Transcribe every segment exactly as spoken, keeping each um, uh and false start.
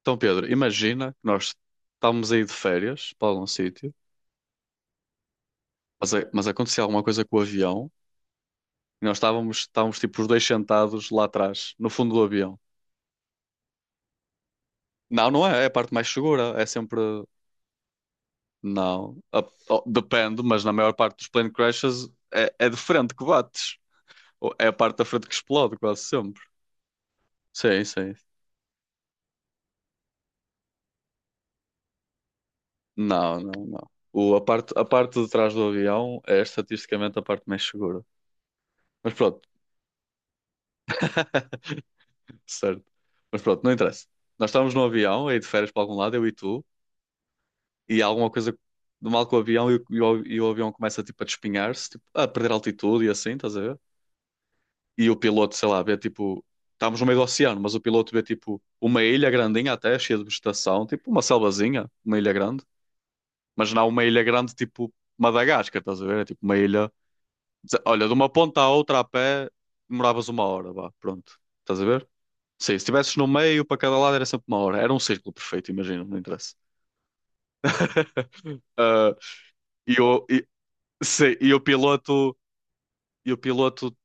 Então, Pedro, imagina que nós estávamos aí de férias para algum sítio, mas, a- mas acontecia alguma coisa com o avião e nós estávamos, estávamos tipo os dois sentados lá atrás, no fundo do avião. Não, não é, é a parte mais segura, é sempre. Não, A- oh, depende, mas na maior parte dos plane crashes é, é de frente que bates, ou é a parte da frente que explode quase sempre. Sim, sim. Não, não, não. O, a parte, a parte de trás do avião é estatisticamente a parte mais segura. Mas pronto. Certo. Mas pronto, não interessa. Nós estávamos no avião, aí de férias para algum lado, eu e tu, e há alguma coisa de mal com o avião e, o- e, o e o avião começa tipo a despinhar-se, tipo, a perder altitude e assim, estás a ver? E o piloto, sei lá, vê tipo. Estávamos no meio do oceano, mas o piloto vê tipo uma ilha grandinha até, cheia de vegetação, tipo uma selvazinha, uma ilha grande, mas não uma ilha grande tipo Madagascar, estás a ver? É tipo uma ilha. Olha, de uma ponta à outra a pé demoravas uma hora, vá, pronto, estás a ver? Sim, se estivesses no meio, para cada lado era sempre uma hora. Era um círculo perfeito, imagino, não interessa. Ah, e, o, e, sim, e o piloto, e o piloto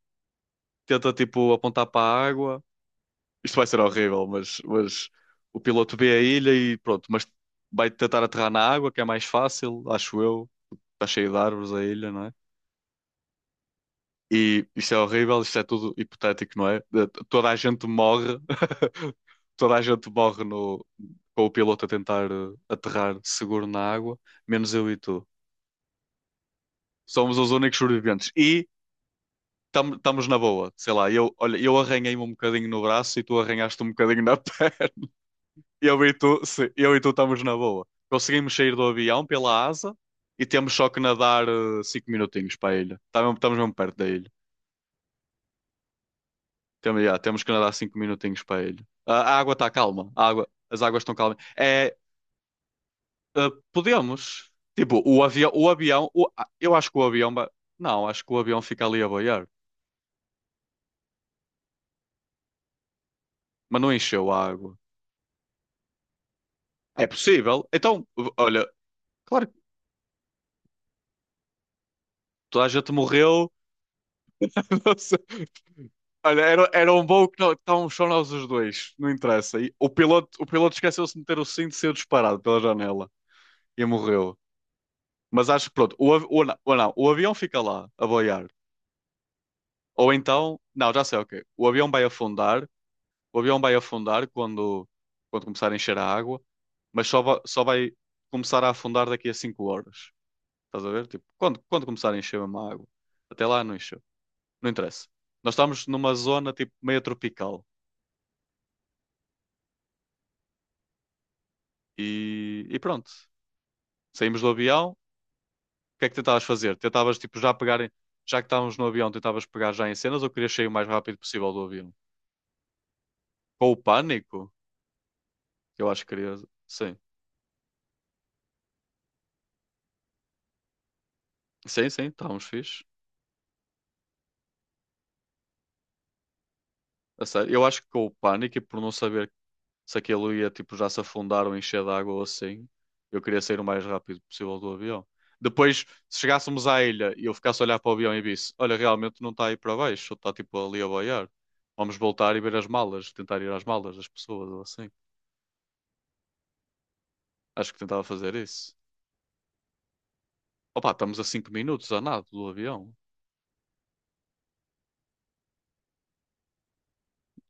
tenta tipo apontar para a água. Isto vai ser horrível, mas, mas o piloto vê a ilha e pronto, mas vai tentar aterrar na água, que é mais fácil, acho eu. Está cheio de árvores a ilha, não é? E isto é horrível, isto é tudo hipotético, não é? Eh, Toda a gente morre, toda a gente morre no, com o piloto a tentar eh, aterrar seguro na água, menos eu e tu. Somos os únicos sobreviventes e estamos na boa. Sei lá, eu, olha, eu arranhei-me um bocadinho no braço e tu arranhaste um bocadinho na perna. Eu e tu, sim, eu e tu estamos na boa. Conseguimos sair do avião pela asa e temos só que nadar eh, cinco minutinhos para a ilha. Estamos mesmo perto da ilha. Temos, já, temos que nadar cinco minutinhos para ele. A, a água está calma. A água, as águas estão calmas. É, ah, podemos. Tipo, o avião. O avião o- ah, eu acho que o avião. ba- Não, acho que o avião fica ali a boiar. Mas não encheu a água. É possível. Então, olha, claro que toda a gente morreu. Não sei. Olha, era, era um voo que não, estávamos só nós os dois. Não interessa. E o piloto, o piloto esqueceu-se de meter o cinto e saiu disparado pela janela. E morreu. Mas acho que pronto. O, av- o, não, o não, o avião fica lá a boiar. Ou então, não, já sei, ok. O avião vai afundar, o avião vai afundar quando, quando começar a encher a água, mas só vai, só vai começar a afundar daqui a cinco horas. Estás a ver? Tipo, quando, quando começar a encher mesmo a água. Até lá não encheu. Não interessa. Nós estamos numa zona tipo meio tropical e, e pronto. Saímos do avião. O que é que tentavas fazer? Tentavas tipo já pegar, em- já que estávamos no avião, tentavas pegar já em cenas ou querias sair o mais rápido possível do avião? Com o pânico? Eu acho que queria. Sim. Sim, sim, estávamos fixe. A sério, eu acho que com o pânico e por não saber se aquilo ia tipo já se afundar ou encher de água ou assim, eu queria sair o mais rápido possível do avião. Depois, se chegássemos à ilha e eu ficasse a olhar para o avião e visse, olha, realmente não está aí para baixo, está tipo ali a boiar. Vamos voltar e ver as malas, tentar ir às malas das pessoas ou assim. Acho que tentava fazer isso. Opa, estamos a cinco minutos a nada do avião.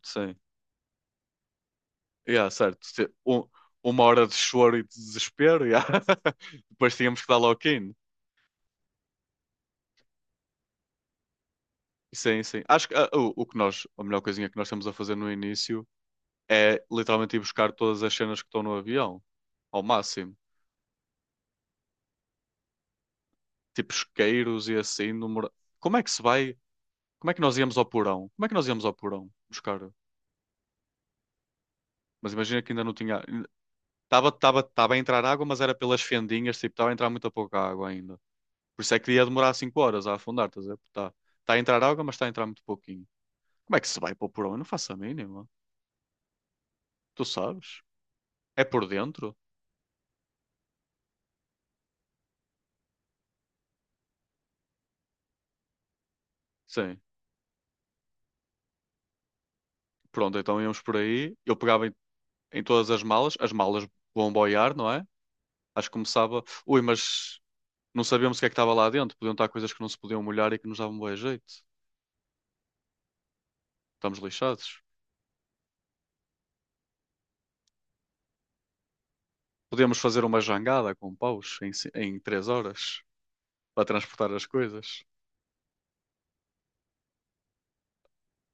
Sim. Yeah, certo. Se- Um, uma hora de choro e de desespero, yeah. Depois tínhamos que dar lock-in. Sim, sim. Acho que ah, o, o que nós, a melhor coisinha que nós estamos a fazer no início é literalmente ir buscar todas as cenas que estão no avião, ao máximo. Tipo isqueiros e assim. Número... Como é que se vai? Como é que nós íamos ao porão? Como é que nós íamos ao porão buscar? Mas imagina que ainda não tinha. Estava tava, tava tava a entrar água, mas era pelas fendinhas, tipo, estava a entrar muito pouca água ainda. Por isso é que ia demorar cinco horas a afundar, estás a ver? Está tá tá a entrar água, mas está a entrar muito pouquinho. Como é que se vai para o porão? Eu não faço a mínima. Tu sabes? É por dentro? Sim. Pronto, então íamos por aí. Eu pegava em, em todas as malas, as malas vão boiar, não é? Acho que começava. Ui, mas não sabíamos o que é que estava lá dentro. Podiam estar coisas que não se podiam molhar e que nos davam bom jeito. Estamos lixados. Podíamos fazer uma jangada com paus em, ci- em três horas para transportar as coisas.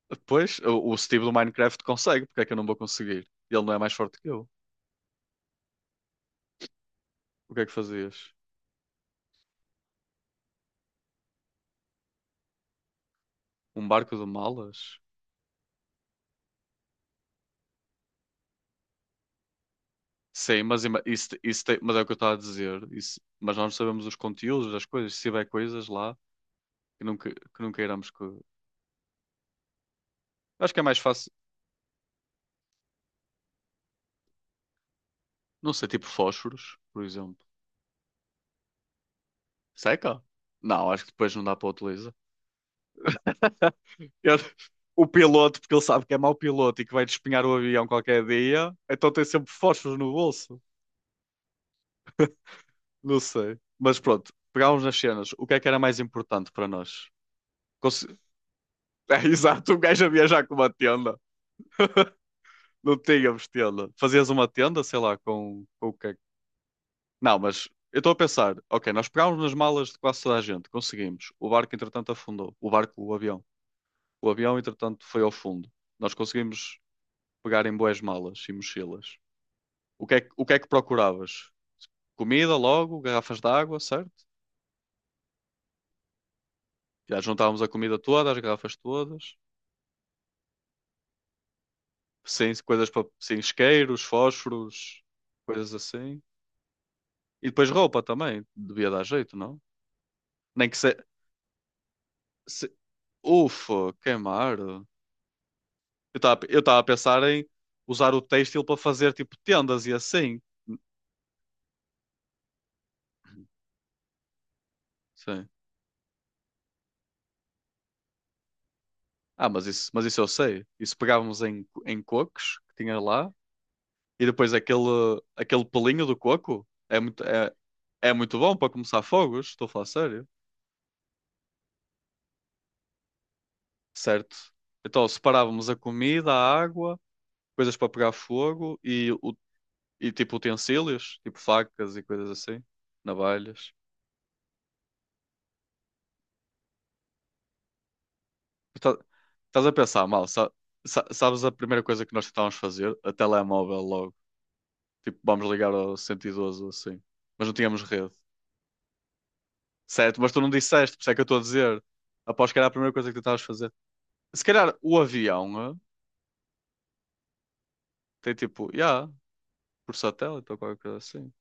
Depois, o, o Steve do Minecraft consegue, porque é que eu não vou conseguir? Ele não é mais forte que eu. O que é que fazias? Um barco de malas? Sim, mas, ima- isso, isso tem- mas é o que eu estava a dizer. Isso, mas nós não sabemos os conteúdos das coisas. Se tiver coisas lá que não, que, que não queiramos que. Acho que é mais fácil. Não sei, tipo fósforos, por exemplo. Seca? Não, acho que depois não dá para utilizar. Eu- o piloto, porque ele sabe que é mau piloto e que vai despenhar o avião qualquer dia, então tem sempre fósforos no bolso. Não sei. Mas pronto, pegámos nas cenas. O que é que era mais importante para nós? Conse- É exato, um gajo a viajar com uma tenda. Não tínhamos tenda. Fazias uma tenda, sei lá, com, com o que é que- Não, mas eu estou a pensar, ok, nós pegámos nas malas de quase toda a gente, conseguimos. O barco, entretanto, afundou. O barco, o avião. O avião, entretanto, foi ao fundo. Nós conseguimos pegar em boas malas e mochilas. O que é que, o que é que procuravas? Comida logo, garrafas de água, certo? Já juntávamos a comida toda, as garrafas todas. Sim, coisas para, sim, isqueiros, fósforos, coisas assim. E depois roupa também, devia dar jeito, não? Nem que se, ufa, queimar. Eu estava eu estava a pensar em usar o têxtil para fazer tipo tendas e assim. Sim. Ah, mas isso, mas isso eu sei. Isso pegávamos em, em cocos que tinha lá e depois aquele, aquele pelinho do coco é muito, é, é muito bom para começar fogos, estou a falar sério. Certo. Então separávamos a comida, a água, coisas para pegar fogo e, o, e tipo utensílios, tipo facas e coisas assim, navalhas. Tá- Estás a pensar mal, sa- sa- sabes a primeira coisa que nós tentávamos fazer? A telemóvel logo. Tipo, vamos ligar ao cento e doze ou assim. Mas não tínhamos rede. Certo, mas tu não disseste, por isso é que eu estou a dizer. Após que era a primeira coisa que tentavas fazer. Se calhar o avião, eh, tem tipo, yeah, por satélite ou qualquer coisa assim.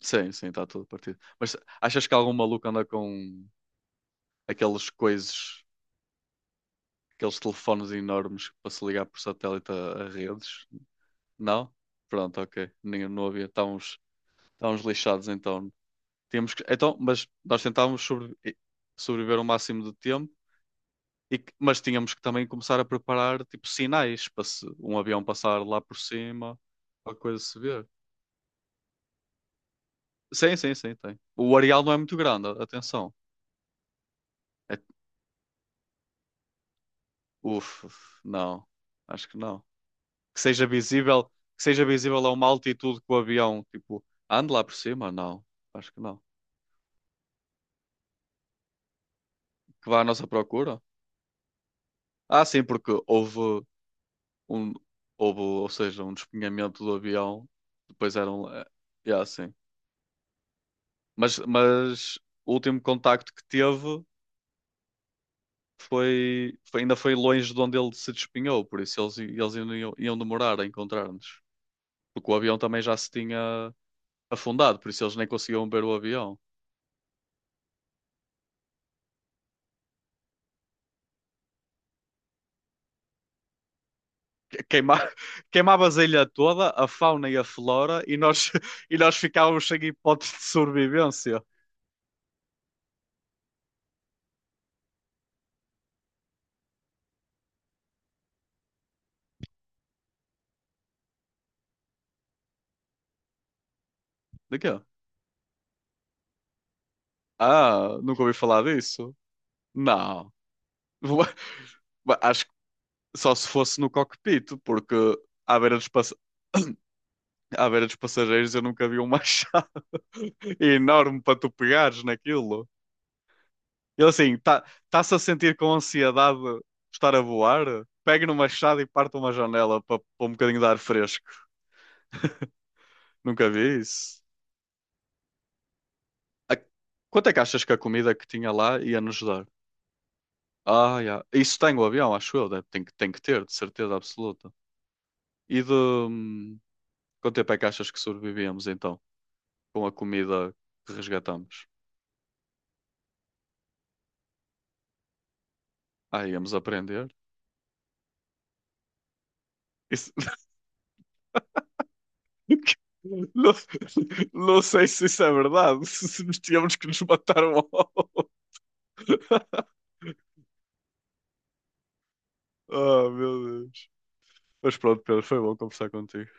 Sim, sim, está tudo partido. Mas achas que algum maluco anda com aqueles coisas, aqueles telefones enormes para se ligar por satélite a, a redes? Não? Pronto, ok. Ninguém não havia. Estávamos. Estávamos lixados então. Tínhamos que, então, mas nós tentávamos sobre- sobreviver o máximo de tempo, e que- mas tínhamos que também começar a preparar tipo sinais para se um avião passar lá por cima, a coisa se ver. Sim, sim, sim, tem. O areal não é muito grande, a- atenção. É, uf, uf, não, acho que não. Que seja visível, que seja visível a uma altitude que o avião, tipo, ande lá por cima? Não, acho que não. Que vá à nossa procura? Ah, sim, porque houve. um, houve, ou seja, um despenhamento do avião. Depois eram. eh, Yeah, sim. Mas, mas o último contacto que teve foi, foi- ainda foi longe de onde ele se despenhou, por isso eles, eles ainda iam, iam demorar a encontrar-nos. Porque o avião também já se tinha afundado, por isso eles nem conseguiam ver o avião. Que- Queima, queimavas a ilha toda, a fauna e a flora, e nós, e nós ficávamos sem hipótese de sobrevivência. De quê? Ah, nunca ouvi falar disso. Não. Acho Só se fosse no cockpit, porque à beira dos, pass- à beira dos passageiros eu nunca vi um machado enorme para tu pegares naquilo. Ele assim, tá, tá-se a sentir com ansiedade de estar a voar? Pegue no machado e parte uma janela para para um bocadinho de ar fresco. Nunca vi isso. A- Quanto é que achas que a comida que tinha lá ia nos dar? Ah, já. Isso tem o avião, acho eu. deve- Tem que, tem que ter, de certeza absoluta. E de... hum, Quanto tempo é que achas que sobrevivíamos então? Com a comida que resgatamos? Ah, íamos aprender. Isso- Não, não sei se isso é verdade, se se nos tínhamos que nos matar um ao outro. Ah, meu Deus. Mas pronto, Pedro, foi bom conversar contigo.